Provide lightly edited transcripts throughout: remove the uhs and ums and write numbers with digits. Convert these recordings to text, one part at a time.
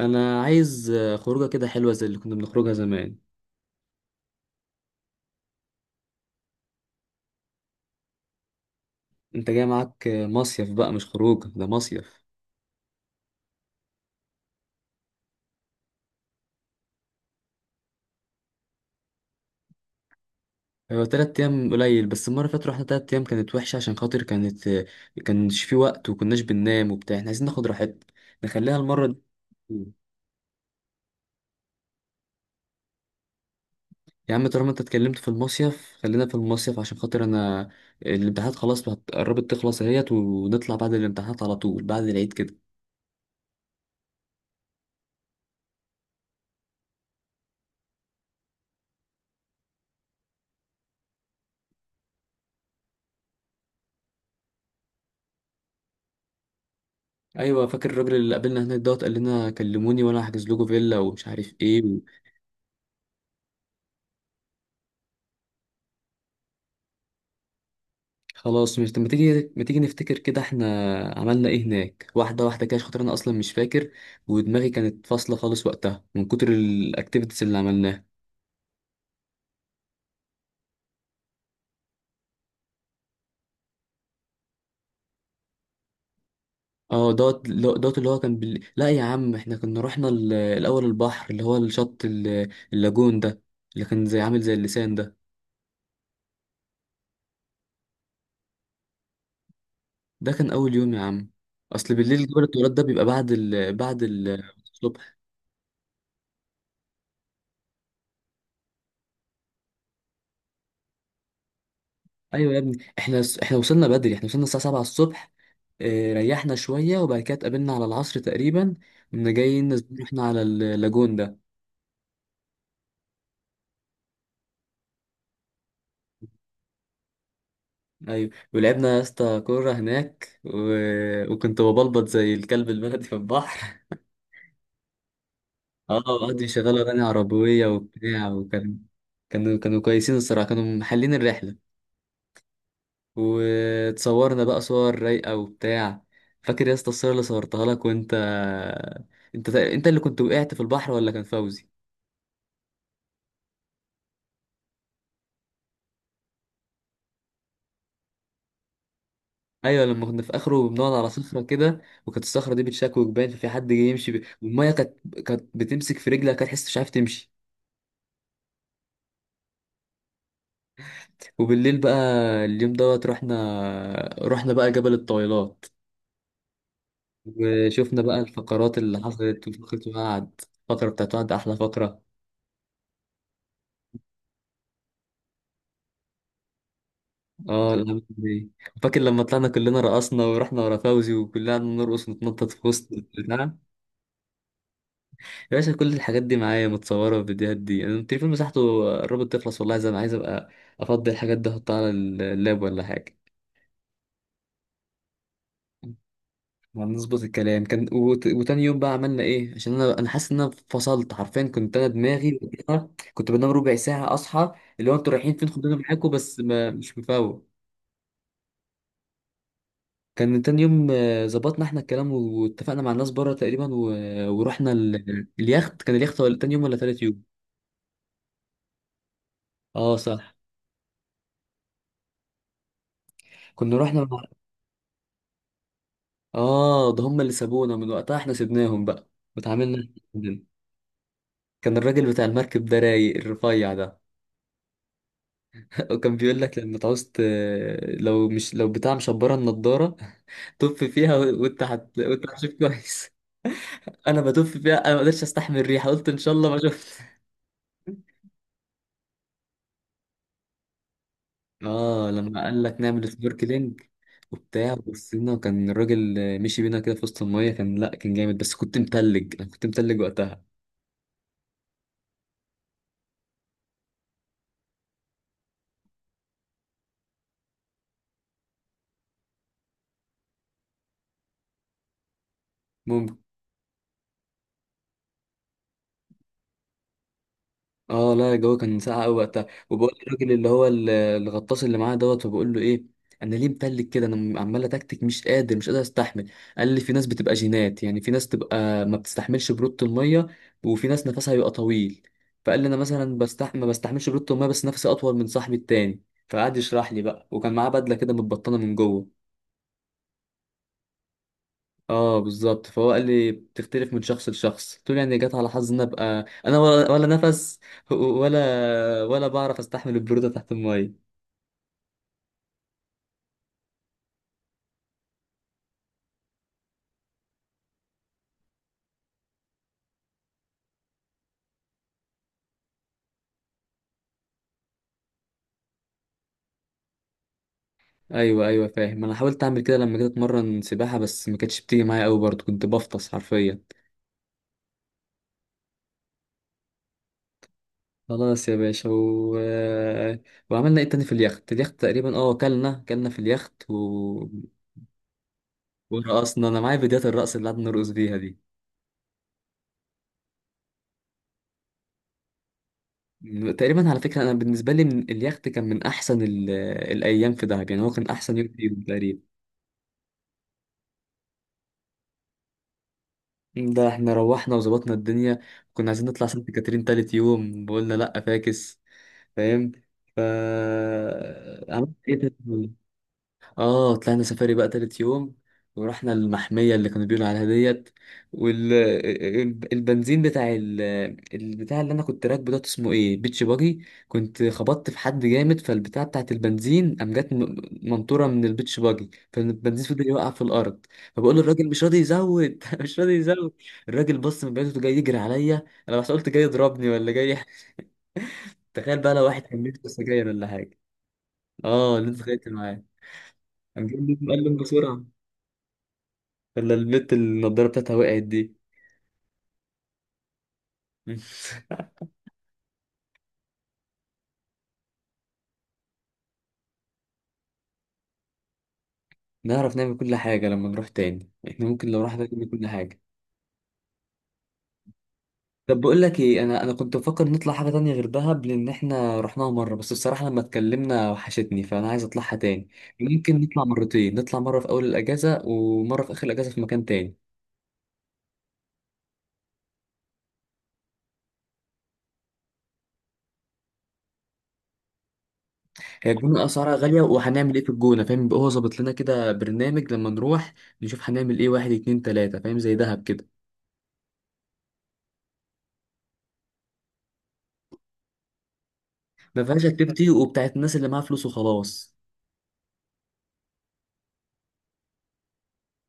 انا عايز خروجه كده حلوه زي اللي كنا بنخرجها زمان. انت جاي معاك مصيف بقى، مش خروجه ده مصيف. هو 3 ايام قليل، بس المره اللي فاتت رحنا 3 ايام كانت وحشه عشان خاطر كانت كانش في وقت وكناش بننام وبتاع، احنا عايزين ناخد راحتنا. نخليها المره دي. يا عم طالما انت اتكلمت في المصيف خلينا في المصيف عشان خاطر انا الامتحانات خلاص قربت تخلص اهيت ونطلع بعد الامتحانات على طول بعد العيد كده. ايوه، فاكر الراجل اللي قابلنا هناك دوت؟ قال لنا كلموني وانا هحجز لكم فيلا ومش عارف ايه. خلاص، مش ما تيجي ما تيجي نفتكر كده احنا عملنا ايه هناك، واحدة واحدة كده، عشان خاطر انا اصلا مش فاكر ودماغي كانت فاصلة خالص وقتها من كتر الاكتيفيتيز اللي عملناها. اه دوت، دوت اللي هو كان لا يا عم احنا كنا رحنا الاول البحر، اللي هو الشط اللاجون ده، اللي كان زي عامل زي اللسان ده. ده كان اول يوم يا عم، اصل بالليل جبل التورات ده بيبقى ايوه يا ابني احنا وصلنا بدري، احنا وصلنا الساعه 7 الصبح. ريحنا شويه وبعد كده اتقابلنا على العصر تقريبا، كنا جايين احنا على اللاجون ده. ايوه ولعبنا يا اسطى كوره هناك وكنت ببلبط زي الكلب البلدي في البحر. اه، وقعدوا يشغلوا اغاني عربيه وبتاع وكان كانوا كويسين الصراحه، كانوا محلين الرحله. وتصورنا بقى صور رايقه وبتاع. فاكر يا اسطى الصوره اللي صورتها لك وانت؟ انت انت اللي كنت وقعت في البحر ولا كان فوزي؟ ايوه لما كنا في اخره بنقعد على صخره كده، وكانت الصخره دي بتشكوك باين، ففي حد جاي يمشي والميه كانت، كانت بتمسك في رجلك، كانت تحس مش عارف تمشي. وبالليل بقى اليوم دوت رحنا، رحنا بقى جبل الطويلات وشفنا بقى الفقرات اللي حصلت وفقرة وعد. الفقرة بتاعت وعد أحلى فقرة. اه الأماكن دي. فاكر لما طلعنا كلنا رقصنا ورحنا ورا فوزي وكلنا قعدنا نرقص ونتنطط في وسط البتاع. يا باشا كل الحاجات دي معايا متصورة، والفيديوهات دي أنا التليفون مساحته قربت تخلص والله، زي ما عايز أبقى أفضي الحاجات دي أحطها على اللاب ولا حاجة. هنظبط الكلام. كان وتاني يوم بقى عملنا إيه؟ عشان أنا حاسس إن أنا فصلت حرفيا، كنت أنا دماغي وقتها كنت بنام ربع ساعة أصحى، اللي هو أنتوا رايحين فين خدونا معاكم، بس ما مش مفوق. كان تاني يوم ظبطنا احنا الكلام واتفقنا مع الناس بره تقريبا ورحنا اليخت، كان اليخت ولا تاني يوم ولا تالت يوم؟ اه صح، كنا رحنا. اه ده هم اللي سابونا، من وقتها احنا سيبناهم بقى وتعاملنا إحنا لوحدنا. كان الراجل بتاع المركب ده رايق، الرفيع ده. وكان بيقول لك لما تعوز لو مش لو بتاع مشبره النضاره. طف فيها وانت وانت هتشوف كويس. انا بتف فيها، انا ما قدرتش استحمل الريحه، قلت ان شاء الله ما شفت. اه لما قال لك نعمل سنوركلينج وبتاع، وبصينا وكان الراجل مشي بينا كده في وسط الميه، كان لا كان جامد، بس كنت متلج، انا كنت متلج وقتها. ممكن. اه لا الجو كان ساقع قوي وقتها، وبقول للراجل اللي هو الغطاس اللي معاه دوت، وبقول له ايه انا ليه متلج كده، انا عمال اتكتك مش قادر مش قادر استحمل. قال لي في ناس بتبقى جينات، يعني في ناس تبقى ما بتستحملش برودة الميه وفي ناس نفسها بيبقى طويل. فقال لي انا مثلا ما بستحملش برودة الميه، بس نفسي اطول من صاحبي التاني. فقعد يشرح لي بقى، وكان معاه بدله كده متبطنه من جوه. اه بالظبط، فهو قال لي بتختلف من شخص لشخص، قلت له يعني جت على حظ ان ابقى انا ولا نفس، ولا بعرف استحمل البروده تحت الميه. ايوه ايوه فاهم، انا حاولت اعمل كده لما جيت اتمرن سباحه، بس ما كانتش بتيجي معايا قوي برضه، كنت بفطس حرفيا. خلاص يا باشا وعملنا ايه تاني في اليخت؟ اليخت تقريبا اه كلنا كلنا في اليخت ورقصنا، انا معايا فيديوهات الرقص اللي قعدنا نرقص بيها دي. تقريبا على فكرة أنا بالنسبة لي من اليخت كان من أحسن الأيام في دهب، يعني هو كان أحسن يوم فيهم تقريبا. ده احنا روحنا وظبطنا الدنيا، كنا عايزين نطلع سانت كاترين تالت يوم وقلنا لأ فاكس، فاهم؟ ف عملت ايه تاني؟ اه طلعنا سفاري بقى تالت يوم ورحنا المحمية اللي كانوا بيقولوا عليها ديت. والبنزين بتاع البتاع اللي انا كنت راكبه ده اسمه ايه بيتش باجي، كنت خبطت في حد جامد فالبتاع بتاعت البنزين قام جت منطورة من البيتش باجي، فالبنزين فضل يوقع في الارض. فبقول للراجل مش راضي يزود، مش راضي يزود. الراجل بص من بعيد جاي يجري عليا انا، بس قلت جاي يضربني ولا جاي؟ تخيل بقى لو واحد كان بيشرب سجاير ولا حاجه. اه اللي انت خانقت معاه، قام جاي قال له بسرعه، ولا البنت اللي النضارة بتاعتها وقعت دي. نعرف نعمل كل حاجة لما نروح تاني، احنا ممكن لو رحنا نعمل كل حاجة. طب بقول لك ايه، انا كنت بفكر نطلع حاجة تانية غير دهب، لان احنا رحناها مرة، بس بصراحة لما اتكلمنا وحشتني فانا عايز اطلعها تاني. ممكن نطلع مرتين، نطلع مرة في اول الاجازة ومرة في اخر الاجازة في مكان تاني. هي الجونة اسعارها غالية، وهنعمل ايه في الجونة؟ فاهم؟ يبقى هو ظابط لنا كده برنامج لما نروح نشوف هنعمل ايه واحد اتنين تلاتة، فاهم؟ زي دهب كده. ما فيهاش اكتيفيتي وبتاعت الناس اللي معاها فلوس وخلاص.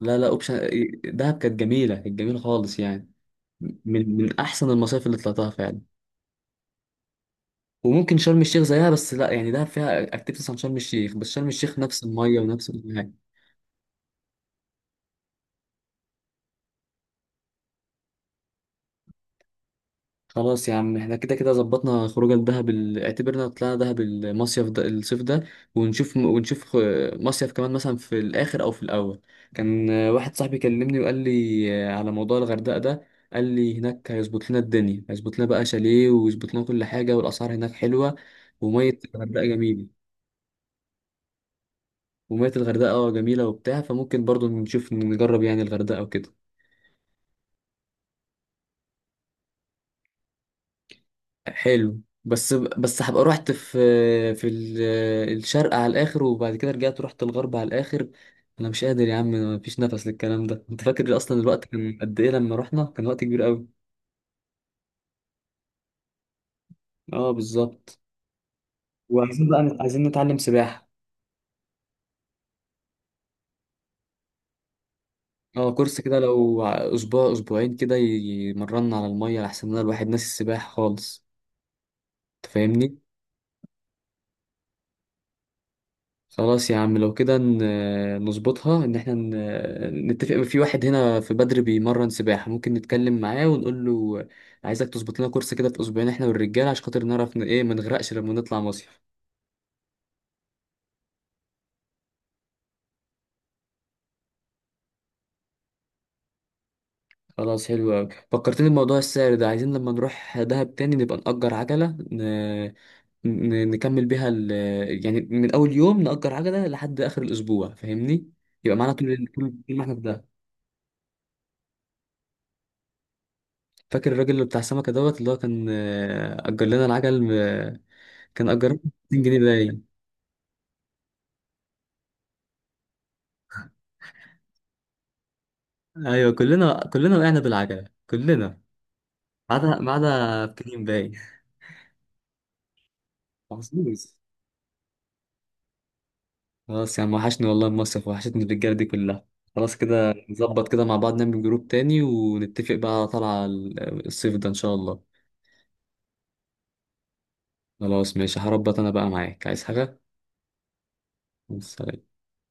لا، لا اوبشن، دهب كانت جميله، كانت جميله خالص يعني، من احسن المصايف اللي طلعتها فعلا. وممكن شرم الشيخ زيها، بس لا يعني دهب فيها اكتيفيتيز عن شرم الشيخ، بس شرم الشيخ نفس الميه ونفس كل حاجة. خلاص يا عم احنا كده كده ظبطنا خروجه لدهب، اعتبرنا طلعنا دهب، المصيف ده الصيف ده ونشوف مصيف كمان مثلا في الاخر او في الاول. كان واحد صاحبي كلمني وقال لي على موضوع الغردقه ده. قال لي هناك هيظبط لنا الدنيا، هيظبط لنا بقى شاليه ويظبط لنا كل حاجه، والاسعار هناك حلوه وميه الغردقه جميله. وميه الغردقه جميله وبتاع، فممكن برضو نشوف نجرب يعني الغردقه وكده. حلو، بس هبقى رحت في في ال- الشرق على الاخر، وبعد كده رجعت رحت الغرب على الاخر. انا مش قادر يا عم، مفيش نفس للكلام ده. انت فاكر اصلا الوقت كان قد ايه لما رحنا؟ كان وقت كبير قوي. اه بالظبط. وعايزين بقى عايزين نتعلم سباحة. اه كورس كده، لو اسبوع اسبوعين كده يمرنا على المية، لحسن ان الواحد ناسي السباحة خالص. انت فاهمني؟ خلاص يا عم لو كده نظبطها ان احنا نتفق في واحد هنا في بدر بيمرن سباحة، ممكن نتكلم معاه ونقول له عايزك تظبط لنا كورس كده في اسبوعين، احنا والرجالة، عشان خاطر نعرف ايه ما نغرقش لما نطلع مصيف. خلاص حلو قوي، فكرتني بموضوع السعر ده، عايزين لما نروح دهب تاني نبقى نأجر عجلة نكمل بيها يعني من اول يوم نأجر عجلة لحد اخر الاسبوع فاهمني، يبقى معانا طول طول طول ما احنا في دهب. فاكر الراجل اللي بتاع السمكة دوت اللي هو كان أجر لنا العجل؟ كان اجرنا 200 جنيه باين. ايوه كلنا كلنا وقعنا بالعجله كلنا، ما عدا بكريم باين. محظوظ. خلاص يا عم وحشني والله المصيف، وحشتني الرجاله دي كلها، خلاص كده نظبط كده مع بعض، نعمل جروب تاني ونتفق بقى على طلعه الصيف ده ان شاء الله. خلاص ماشي، هربط انا بقى معاك عايز حاجه؟ سلام.